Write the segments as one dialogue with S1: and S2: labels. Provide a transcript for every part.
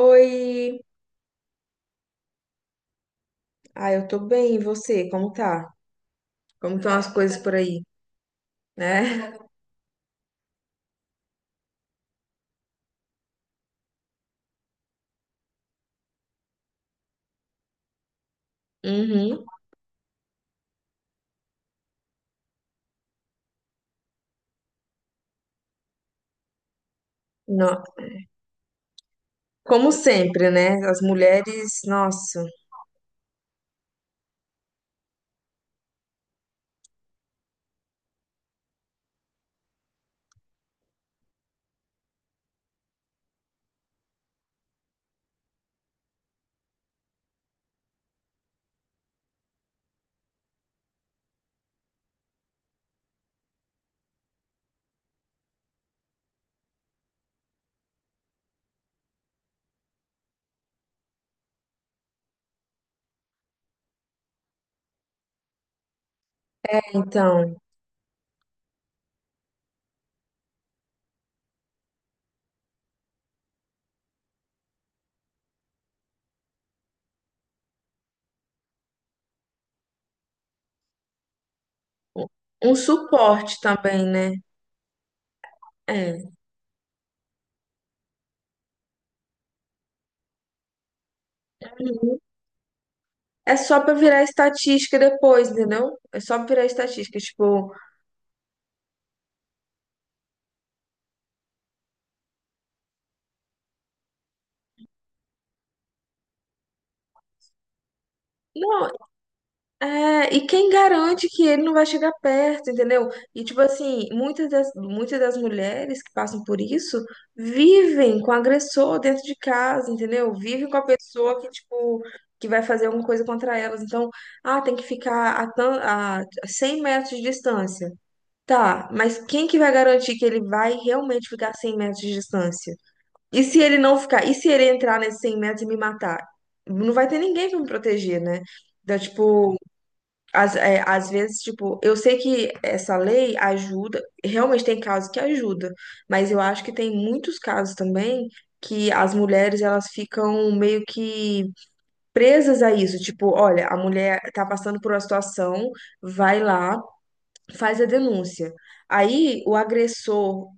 S1: Oi! Ah, eu tô bem, e você? Como tá? Como estão as coisas por aí, né? Uhum. No- Como sempre, né? As mulheres, nossa. Então, um um suporte também, né? É. Uhum. É só pra virar estatística depois, entendeu? É só pra virar estatística, tipo, não, é, e quem garante que ele não vai chegar perto, entendeu? E, tipo assim, muitas das mulheres que passam por isso vivem com o agressor dentro de casa, entendeu? Vivem com a pessoa que, tipo, que vai fazer alguma coisa contra elas. Então, ah, tem que ficar a 100 metros de distância. Tá, mas quem que vai garantir que ele vai realmente ficar a 100 metros de distância? E se ele não ficar? E se ele entrar nesses 100 metros e me matar? Não vai ter ninguém pra me proteger, né? Então, tipo. Às vezes, tipo, eu sei que essa lei ajuda, realmente tem casos que ajuda, mas eu acho que tem muitos casos também que as mulheres elas ficam meio que presas a isso, tipo, olha, a mulher tá passando por uma situação, vai lá, faz a denúncia. Aí o agressor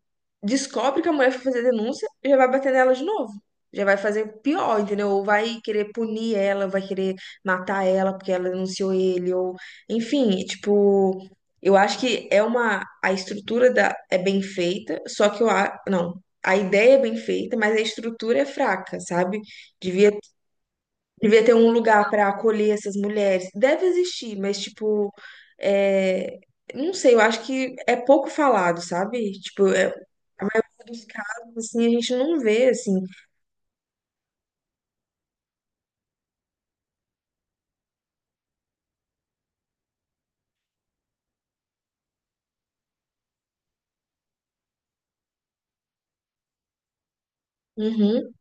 S1: descobre que a mulher foi fazer a denúncia e já vai bater nela de novo. Já vai fazer pior, entendeu? Ou vai querer punir ela, vai querer matar ela porque ela denunciou ele, ou enfim, tipo, eu acho que é uma a estrutura da é bem feita, só que não, a ideia é bem feita, mas a estrutura é fraca, sabe? Devia Devia ter um lugar para acolher essas mulheres. Deve existir, mas, tipo, é, não sei, eu acho que é pouco falado, sabe? Tipo, é, a maioria dos casos, assim, a gente não vê, assim. Uhum,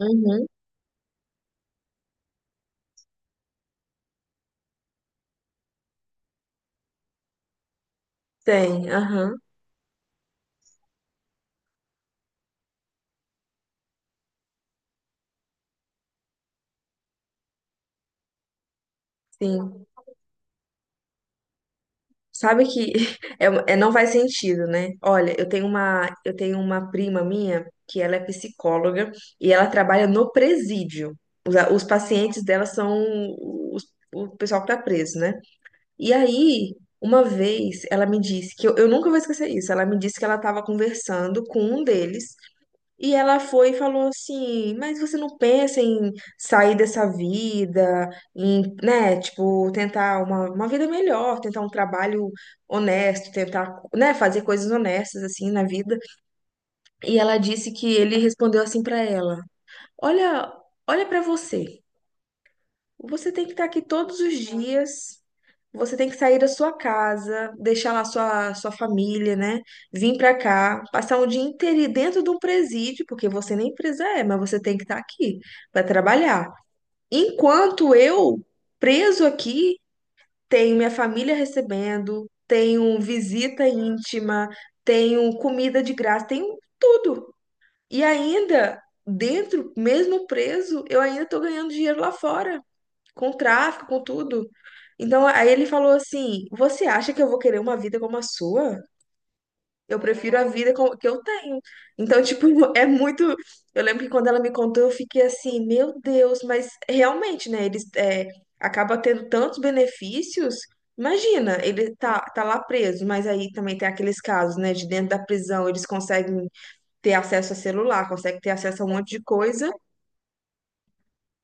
S1: uhum, tem, aham, sim. Sabe que não faz sentido, né? Olha, eu tenho uma prima minha que ela é psicóloga e ela trabalha no presídio. Os pacientes dela são os- o pessoal que tá preso, né? E aí, uma vez, ela me disse que eu nunca vou esquecer isso. Ela me disse que ela estava conversando com um deles e ela foi e falou assim: Mas você não pensa em sair dessa vida, em, né, tipo, tentar uma, vida melhor, tentar um trabalho honesto, tentar, né, fazer coisas honestas assim na vida. E ela disse que ele respondeu assim pra ela: Olha, olha pra você. Você tem que estar aqui todos os dias. Você tem que sair da sua casa, deixar lá sua, sua família, né? Vir pra cá, passar um dia inteiro dentro de um presídio, porque você nem presa é, mas você tem que estar aqui para trabalhar. Enquanto eu, preso aqui, tenho minha família recebendo, tenho visita íntima, tenho comida de graça, tenho tudo. E ainda, dentro, mesmo preso, eu ainda tô ganhando dinheiro lá fora com tráfico, com tudo. Então, aí ele falou assim: Você acha que eu vou querer uma vida como a sua? Eu prefiro a vida com- que eu tenho. Então, tipo, é muito. Eu lembro que quando ela me contou, eu fiquei assim: Meu Deus, mas realmente, né? Eles é, acaba tendo tantos benefícios. Imagina, ele tá lá preso, mas aí também tem aqueles casos, né? De dentro da prisão, eles conseguem ter acesso a celular, conseguem ter acesso a um monte de coisa.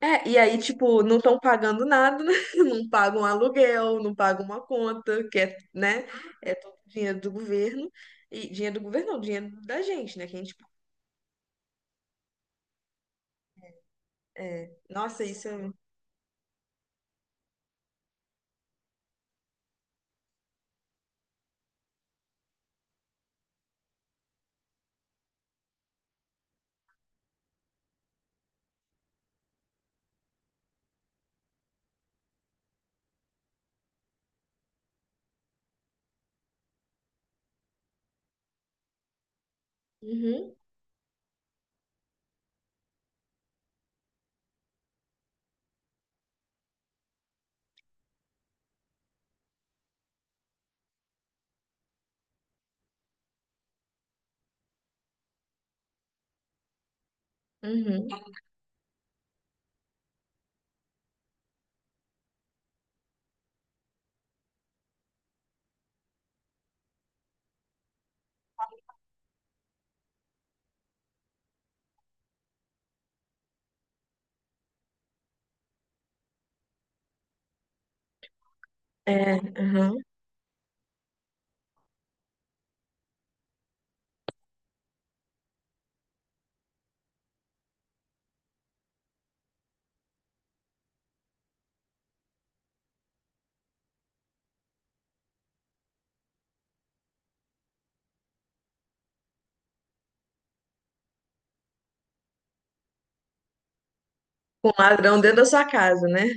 S1: É, e aí, tipo, não estão pagando nada, né? Não pagam aluguel, não pagam uma conta, que é, né? É todo dinheiro do governo. E dinheiro do governo, não, dinheiro da gente, né? Que a gente, tipo, nossa, isso é. Uhum, uhum. É, uhum. Com um ladrão dentro da sua casa, né?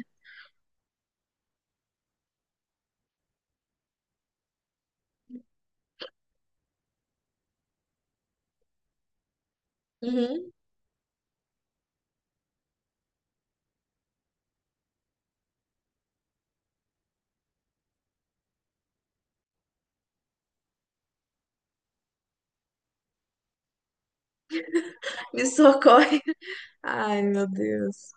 S1: Uhum. Me socorre. Ai, meu Deus.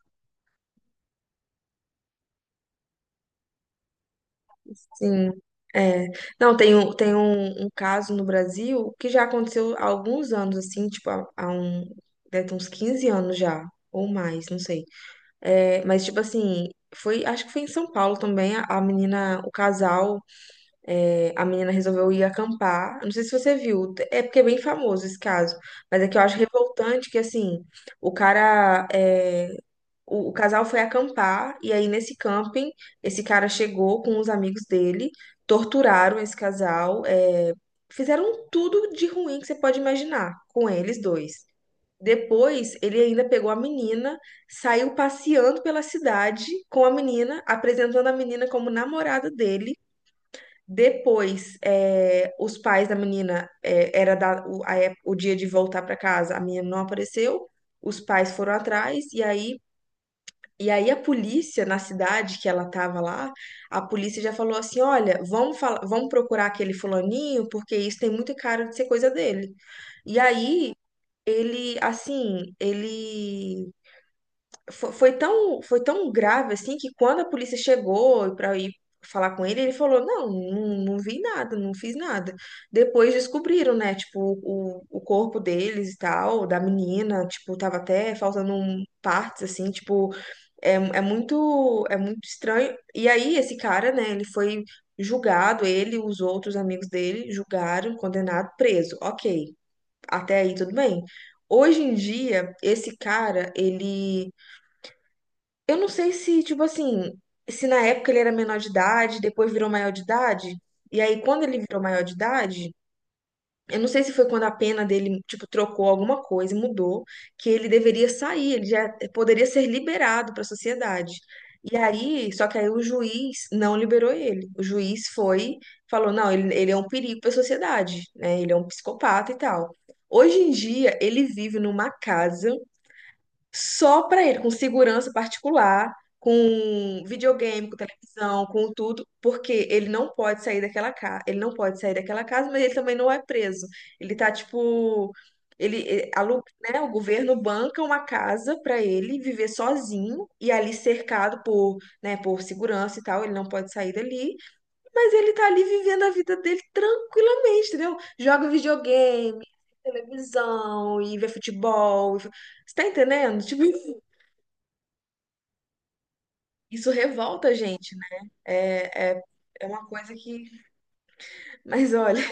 S1: Sim. É. Não, tem um caso no Brasil que já aconteceu há alguns anos, assim, tipo, há, um, deve ter uns 15 anos já, ou mais, não sei. É, mas, tipo assim, foi, acho que foi em São Paulo também, a menina, o casal, é, a menina resolveu ir acampar. Não sei se você viu, é porque é bem famoso esse caso, mas é que eu acho revoltante que, assim, o cara, é, o casal foi acampar, e aí nesse camping, esse cara chegou com os amigos dele, torturaram esse casal, é, fizeram tudo de ruim que você pode imaginar com eles dois. Depois, ele ainda pegou a menina, saiu passeando pela cidade com a menina, apresentando a menina como namorada dele. Depois, eh, os pais da menina, era da- o, a ép- o dia de voltar para casa, a menina não apareceu, os pais foram atrás, e aí, a polícia na cidade que ela estava lá, a polícia já falou assim: olha, vamos procurar aquele fulaninho, porque isso tem muita cara de ser coisa dele. E aí ele, assim, ele foi tão grave assim que quando a polícia chegou para ir falar com ele, ele falou: "Não, não, não vi nada, não fiz nada". Depois descobriram, né, tipo, o corpo deles e tal, da menina, tipo, tava até faltando partes assim, tipo, é muito estranho. E aí esse cara, né, ele foi julgado, ele e os outros amigos dele julgaram, condenado, preso. OK. Até aí tudo bem. Hoje em dia, esse cara, ele. Eu não sei se, tipo assim, se na época ele era menor de idade, depois virou maior de idade. E aí, quando ele virou maior de idade, eu não sei se foi quando a pena dele, tipo, trocou alguma coisa, mudou, que ele deveria sair, ele já poderia ser liberado para a sociedade. E aí, só que aí o juiz não liberou ele. O juiz foi, falou, não, ele é um perigo para a sociedade, né? Ele é um psicopata e tal. Hoje em dia, ele vive numa casa só para ele, com segurança particular, com videogame, com televisão, com tudo, porque ele não pode sair daquela casa, ele não pode sair daquela casa, mas ele também não é preso. Ele tá tipo, ele eh, né, o governo banca uma casa para ele viver sozinho e ali cercado por, né, por segurança e tal, ele não pode sair dali. Mas ele tá ali vivendo a vida dele tranquilamente, entendeu? Joga videogame, televisão, e vê futebol. E você tá entendendo? Tipo, isso revolta a gente, né? É, é, é uma coisa que. Mas olha.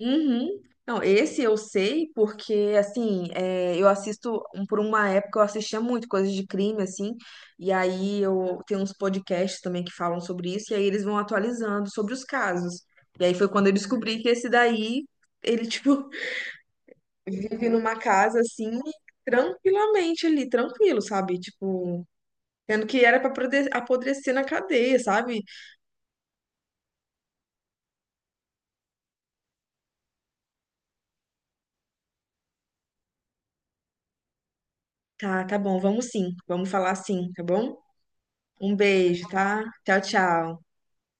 S1: Uhum. Não, esse eu sei porque, assim, é, eu assisto, por uma época eu assistia muito coisas de crime, assim, e aí eu tenho uns podcasts também que falam sobre isso, e aí eles vão atualizando sobre os casos. E aí foi quando eu descobri que esse daí, ele, tipo, vive numa casa, assim, tranquilamente ali, tranquilo, sabe? Tipo, tendo que era pra apodrecer na cadeia, sabe? Tá, tá bom, vamos sim, vamos falar sim, tá bom? Um beijo, tá? Tchau, tchau.